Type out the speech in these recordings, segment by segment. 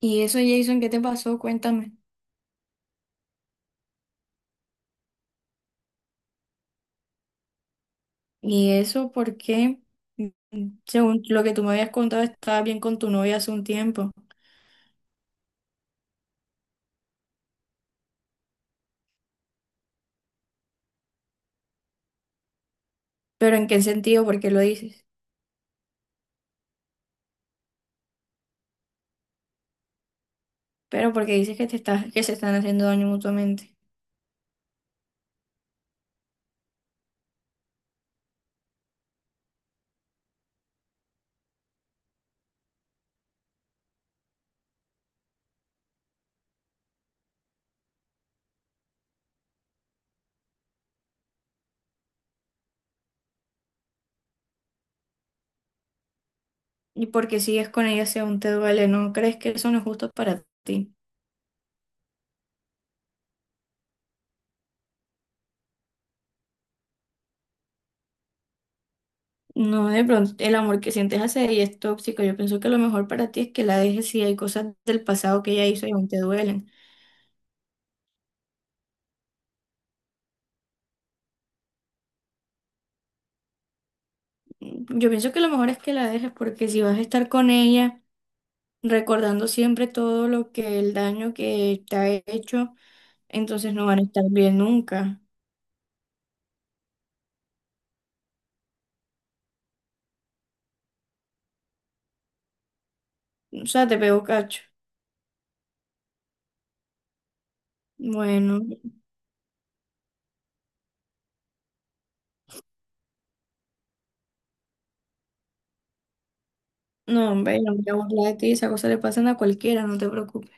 Y eso, Jason, ¿qué te pasó? Cuéntame. Y eso porque, según lo que tú me habías contado, estabas bien con tu novia hace un tiempo. Pero ¿en qué sentido? ¿Por qué lo dices? Pero porque dices que que se están haciendo daño mutuamente. Y porque sigues con ella si aún te duele, ¿no crees que eso no es justo para ti? No, de pronto, el amor que sientes hacia ella es tóxico. Yo pienso que lo mejor para ti es que la dejes si hay cosas del pasado que ella hizo y aún te duelen. Yo pienso que lo mejor es que la dejes porque si vas a estar con ella, recordando siempre todo lo que el daño que te ha hecho, entonces no van a estar bien nunca. O sea, te pego cacho. Bueno, no, hombre, no me voy a burlar de ti, esas cosas le pasan a cualquiera, no te preocupes.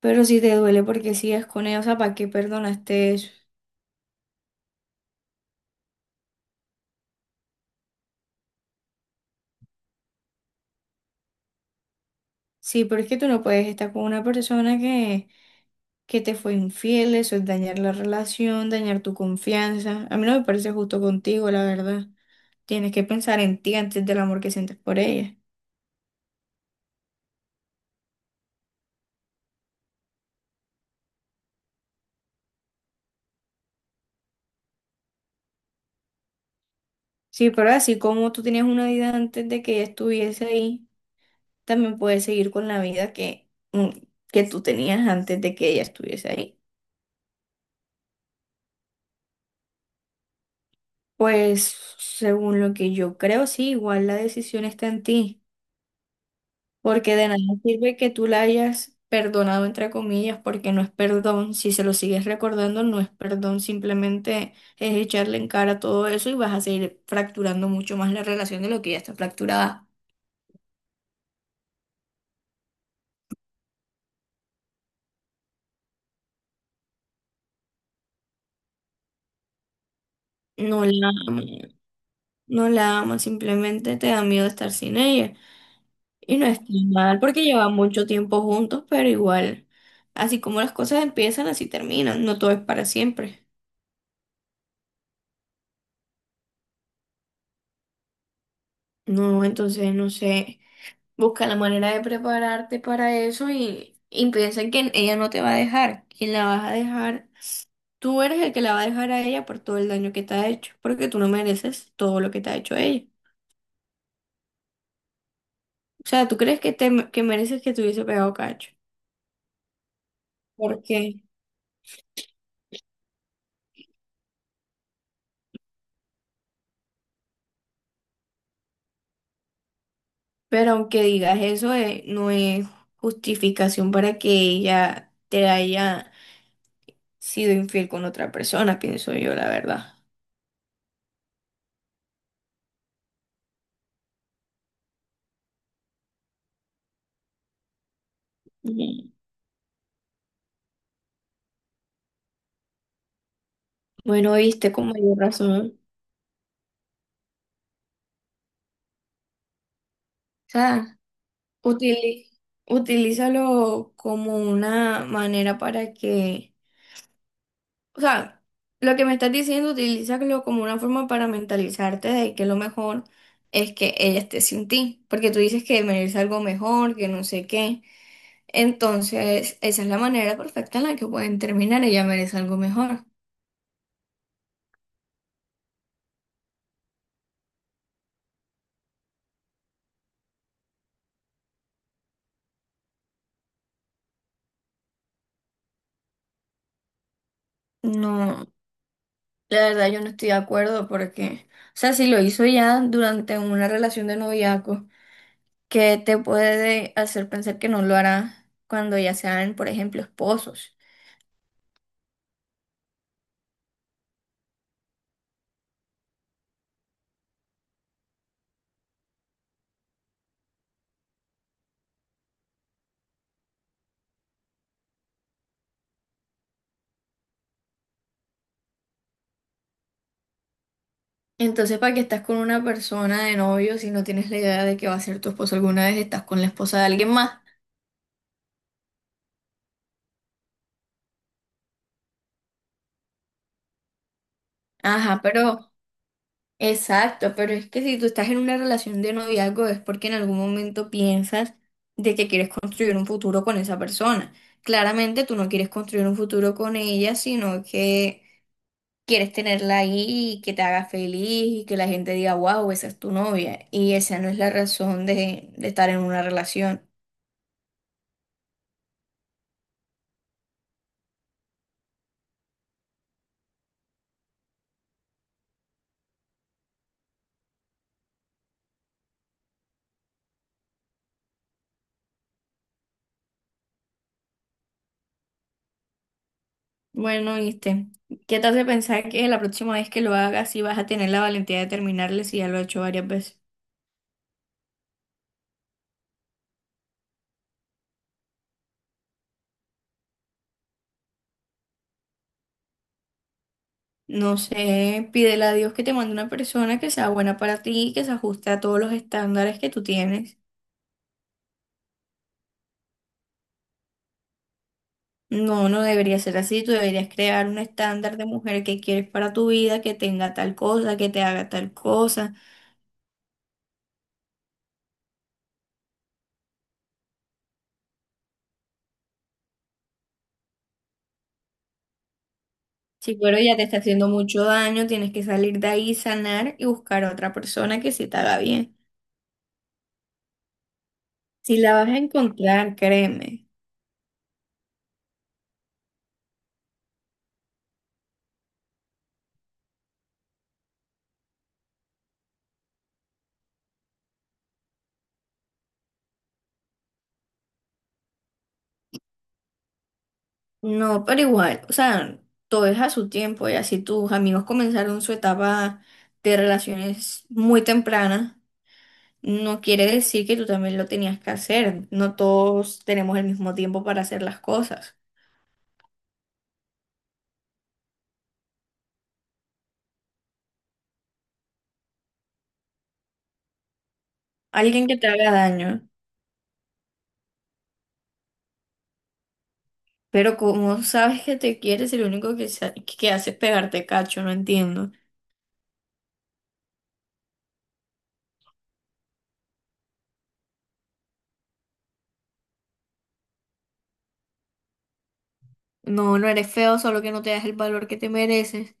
Pero si te duele porque sigues con ella, o sea, ¿para qué perdonaste eso? Sí, pero es que tú no puedes estar con una persona que te fue infiel, eso es dañar la relación, dañar tu confianza. A mí no me parece justo contigo, la verdad. Tienes que pensar en ti antes del amor que sientes por ella. Sí, pero así como tú tenías una vida antes de que ella estuviese ahí, también puedes seguir con la vida que tú tenías antes de que ella estuviese ahí. Pues según lo que yo creo, sí, igual la decisión está en ti, porque de nada sirve que tú la hayas perdonado, entre comillas, porque no es perdón. Si se lo sigues recordando, no es perdón, simplemente es echarle en cara todo eso y vas a seguir fracturando mucho más la relación de lo que ya está fracturada. No la amas, no la amas, simplemente te da miedo estar sin ella. Y no es mal porque llevan mucho tiempo juntos, pero igual, así como las cosas empiezan, así terminan. No todo es para siempre. No, entonces, no sé, busca la manera de prepararte para eso y piensa que ella no te va a dejar. Quien la vas a dejar, tú eres el que la va a dejar a ella por todo el daño que te ha hecho, porque tú no mereces todo lo que te ha hecho ella. O sea, ¿tú crees que, que mereces que te hubiese pegado cacho? Porque pero aunque digas eso, no es justificación para que ella te haya sido infiel con otra persona, pienso yo, la verdad. Ujú. Bueno, viste con mayor razón. O sea, utili- utilízalo como una manera para que, o sea, lo que me estás diciendo, utilízalo como una forma para mentalizarte de que lo mejor es que ella esté sin ti, porque tú dices que merece algo mejor, que no sé qué. Entonces, esa es la manera perfecta en la que pueden terminar. Ella merece algo mejor. No, la verdad yo no estoy de acuerdo porque, o sea, si lo hizo ya durante una relación de noviazgo, ¿qué te puede hacer pensar que no lo hará cuando ya sean, por ejemplo, esposos? Entonces, ¿para qué estás con una persona de novio si no tienes la idea de que va a ser tu esposo alguna vez? Estás con la esposa de alguien más. Ajá, pero... Exacto, pero es que si tú estás en una relación de noviazgo es porque en algún momento piensas de que quieres construir un futuro con esa persona. Claramente tú no quieres construir un futuro con ella, sino que quieres tenerla ahí y que te haga feliz y que la gente diga, wow, esa es tu novia. Y esa no es la razón de estar en una relación. Bueno, viste, ¿qué te hace pensar que la próxima vez que lo hagas sí vas a tener la valentía de terminarle si ya lo he hecho varias veces? No sé, pídele a Dios que te mande una persona que sea buena para ti, que se ajuste a todos los estándares que tú tienes. No, no debería ser así. Tú deberías crear un estándar de mujer que quieres para tu vida, que tenga tal cosa, que te haga tal cosa. Si pero ya te está haciendo mucho daño, tienes que salir de ahí, sanar y buscar a otra persona que sí te haga bien. Si la vas a encontrar, créeme. No, pero igual, o sea, todo es a su tiempo. Y así tus amigos comenzaron su etapa de relaciones muy temprana, no quiere decir que tú también lo tenías que hacer. No todos tenemos el mismo tiempo para hacer las cosas. Alguien que te haga daño, pero como sabes que te quieres, el único que, que hace es pegarte cacho, no entiendo. No, no eres feo, solo que no te das el valor que te mereces.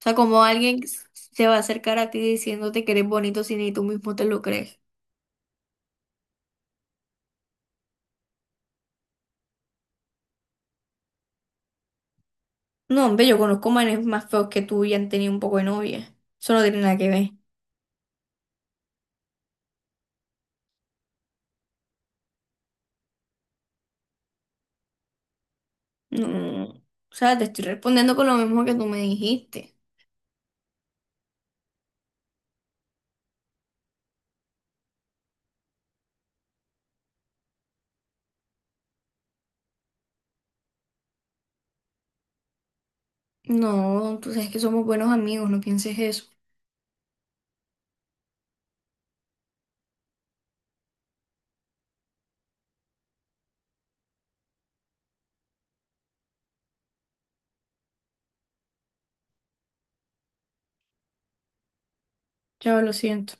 O sea, como alguien se va a acercar a ti diciéndote que eres bonito si ni tú mismo te lo crees. No, hombre, yo conozco manes más feos que tú y han tenido un poco de novia. Eso no tiene nada que ver. No, no, no, no, o sea, te estoy respondiendo con lo mismo que tú me dijiste. No, tú sabes que somos buenos amigos, no pienses eso. Ya lo siento.